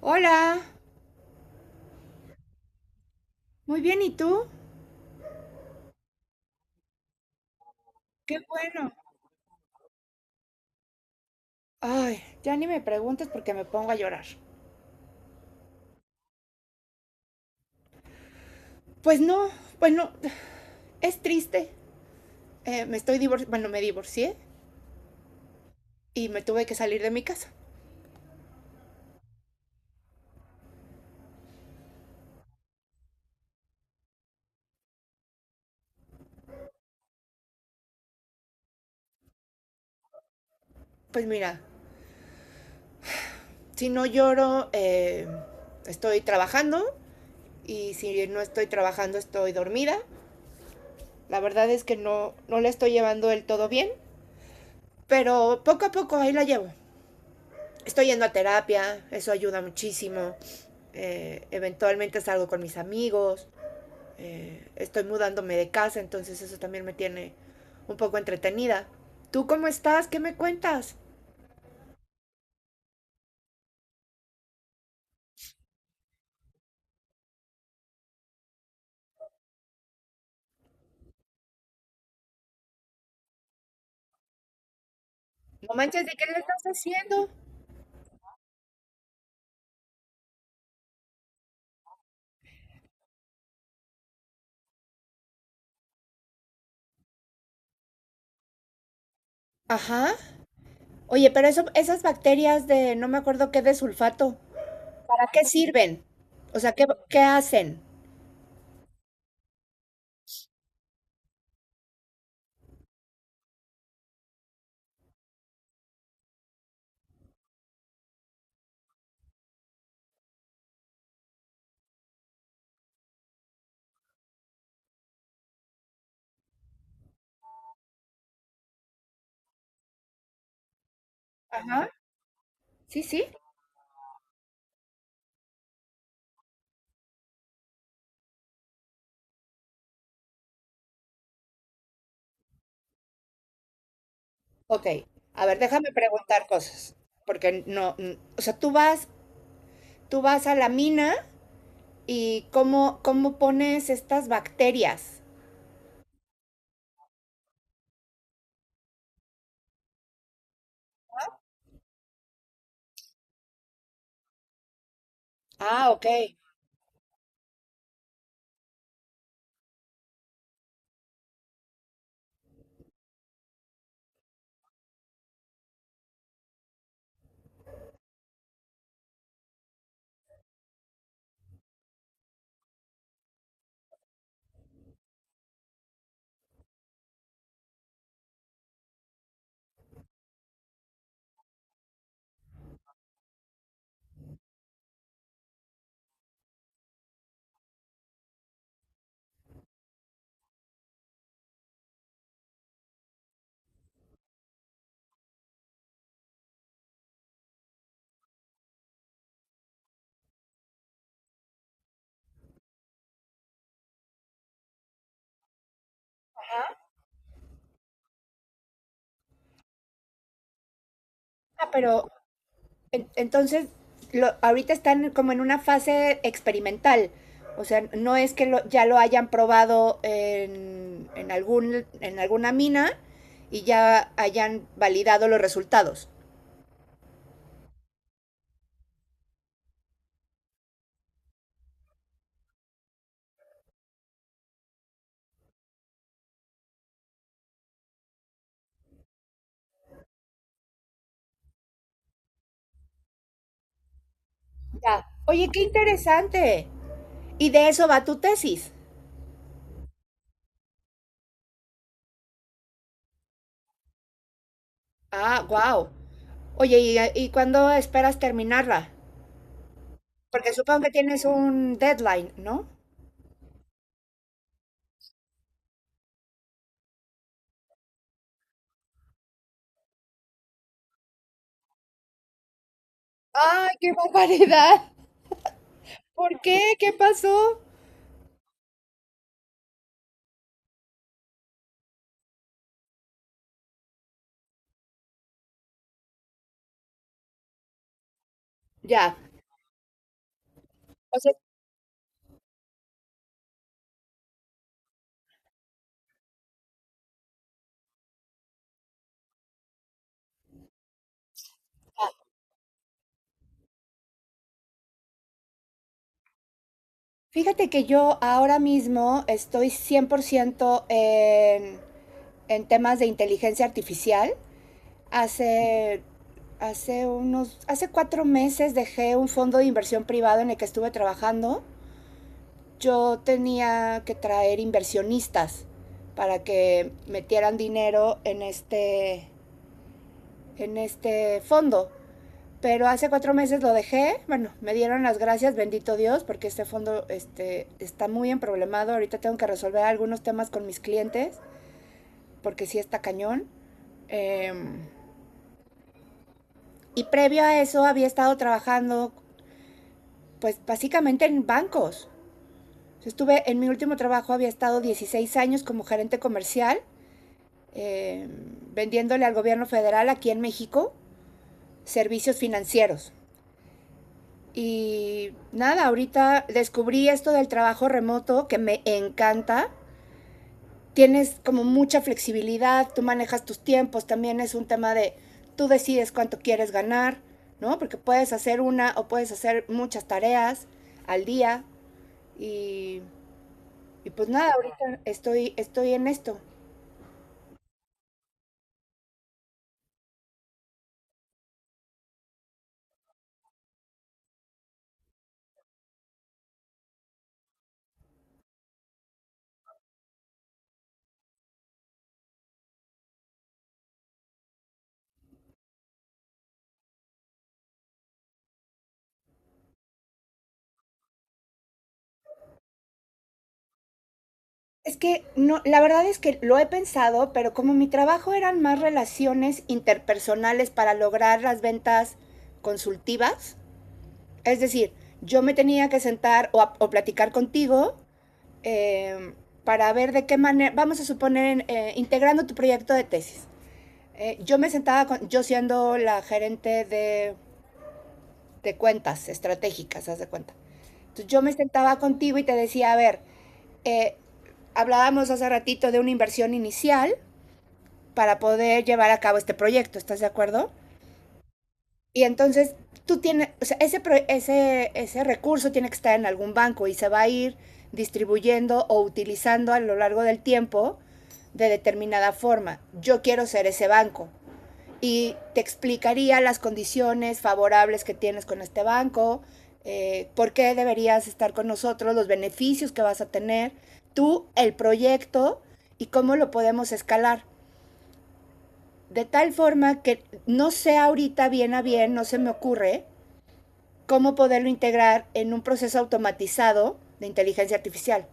Hola, muy bien, ¿y tú? Qué bueno. Ay, ya ni me preguntes porque me pongo a llorar. Pues no, bueno, es triste. Me estoy bueno, me divorcié y me tuve que salir de mi casa. Pues mira, si no lloro, estoy trabajando y si no estoy trabajando, estoy dormida. La verdad es que no la estoy llevando del todo bien, pero poco a poco ahí la llevo. Estoy yendo a terapia, eso ayuda muchísimo. Eventualmente salgo con mis amigos, estoy mudándome de casa, entonces eso también me tiene un poco entretenida. ¿Tú cómo estás? ¿Qué me cuentas? No manches, ¿de qué le estás haciendo? Ajá. Oye, pero eso, esas bacterias de no me acuerdo qué de sulfato, ¿para qué sirven? O sea, ¿qué hacen? Ajá. Sí, sí. Ok. A ver, déjame preguntar cosas, porque no, n- o sea, tú vas a la mina y cómo pones estas bacterias. Ah, ok. Ah, pero entonces ahorita están como en una fase experimental. O sea, no es que ya lo hayan probado en en alguna mina y ya hayan validado los resultados. Ya. Oye, qué interesante. Y de eso va tu tesis. Ah, wow. Oye, ¿y cuándo esperas terminarla? Porque supongo que tienes un deadline, ¿no? ¡Ay, qué barbaridad! ¿Por qué? ¿Qué pasó? Ya. O sea, fíjate que yo ahora mismo estoy 100% en temas de inteligencia artificial. Hace, hace 4 meses dejé un fondo de inversión privado en el que estuve trabajando. Yo tenía que traer inversionistas para que metieran dinero en en este fondo. Pero hace 4 meses lo dejé, bueno, me dieron las gracias, bendito Dios, porque este fondo está muy emproblemado. Ahorita tengo que resolver algunos temas con mis clientes, porque sí está cañón. Eh, y previo a eso había estado trabajando, pues básicamente en bancos. Estuve en mi último trabajo, había estado 16 años como gerente comercial, eh, vendiéndole al gobierno federal aquí en México servicios financieros. Y nada, ahorita descubrí esto del trabajo remoto que me encanta. Tienes como mucha flexibilidad, tú manejas tus tiempos, también es un tema de tú decides cuánto quieres ganar, ¿no? Porque puedes hacer una o puedes hacer muchas tareas al día y, y pues nada, estoy en esto. Es que no, la verdad es que lo he pensado, pero como mi trabajo eran más relaciones interpersonales para lograr las ventas consultivas, es decir, yo me tenía que sentar o platicar contigo eh, para ver de qué manera, vamos a suponer, integrando tu proyecto de tesis. Yo me sentaba, con, yo siendo la gerente de cuentas estratégicas, haz de cuenta. Entonces yo me sentaba contigo y te decía, a ver, eh, hablábamos hace ratito de una inversión inicial para poder llevar a cabo este proyecto, ¿estás de acuerdo? Y entonces tú tienes, o sea, ese recurso tiene que estar en algún banco y se va a ir distribuyendo o utilizando a lo largo del tiempo de determinada forma. Yo quiero ser ese banco y te explicaría las condiciones favorables que tienes con este banco, por qué deberías estar con nosotros, los beneficios que vas a tener, tú, el proyecto y cómo lo podemos escalar. De tal forma que no sé ahorita bien a bien, no se me ocurre, cómo poderlo integrar en un proceso automatizado de inteligencia artificial.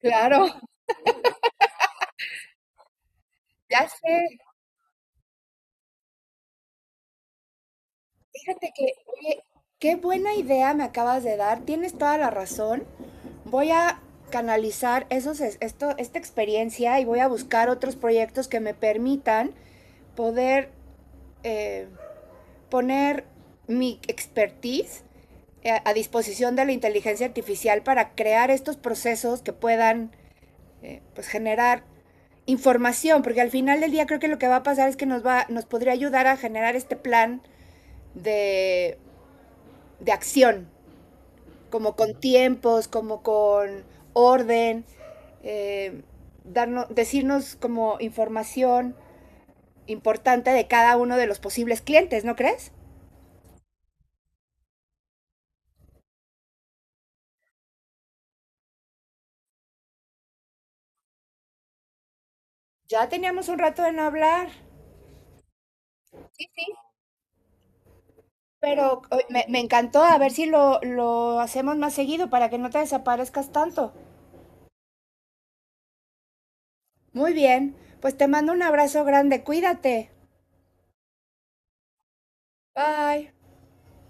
Claro, ya sé, fíjate que, oye, qué buena idea me acabas de dar, tienes toda la razón. Voy a canalizar esta experiencia y voy a buscar otros proyectos que me permitan poder eh, poner mi expertise disposición de la inteligencia artificial para crear estos procesos que puedan pues generar información, porque al final del día creo que lo que va a pasar es que nos podría ayudar a generar este plan de, de acción, como con tiempos, como con orden, eh, darnos, decirnos como información importante de cada uno de los posibles clientes, ¿no crees? Ya teníamos un rato de no hablar. Sí, sí. Pero me encantó, a ver si lo hacemos más seguido para que no te desaparezcas tanto. Muy bien, pues te mando un abrazo grande, cuídate. Bye.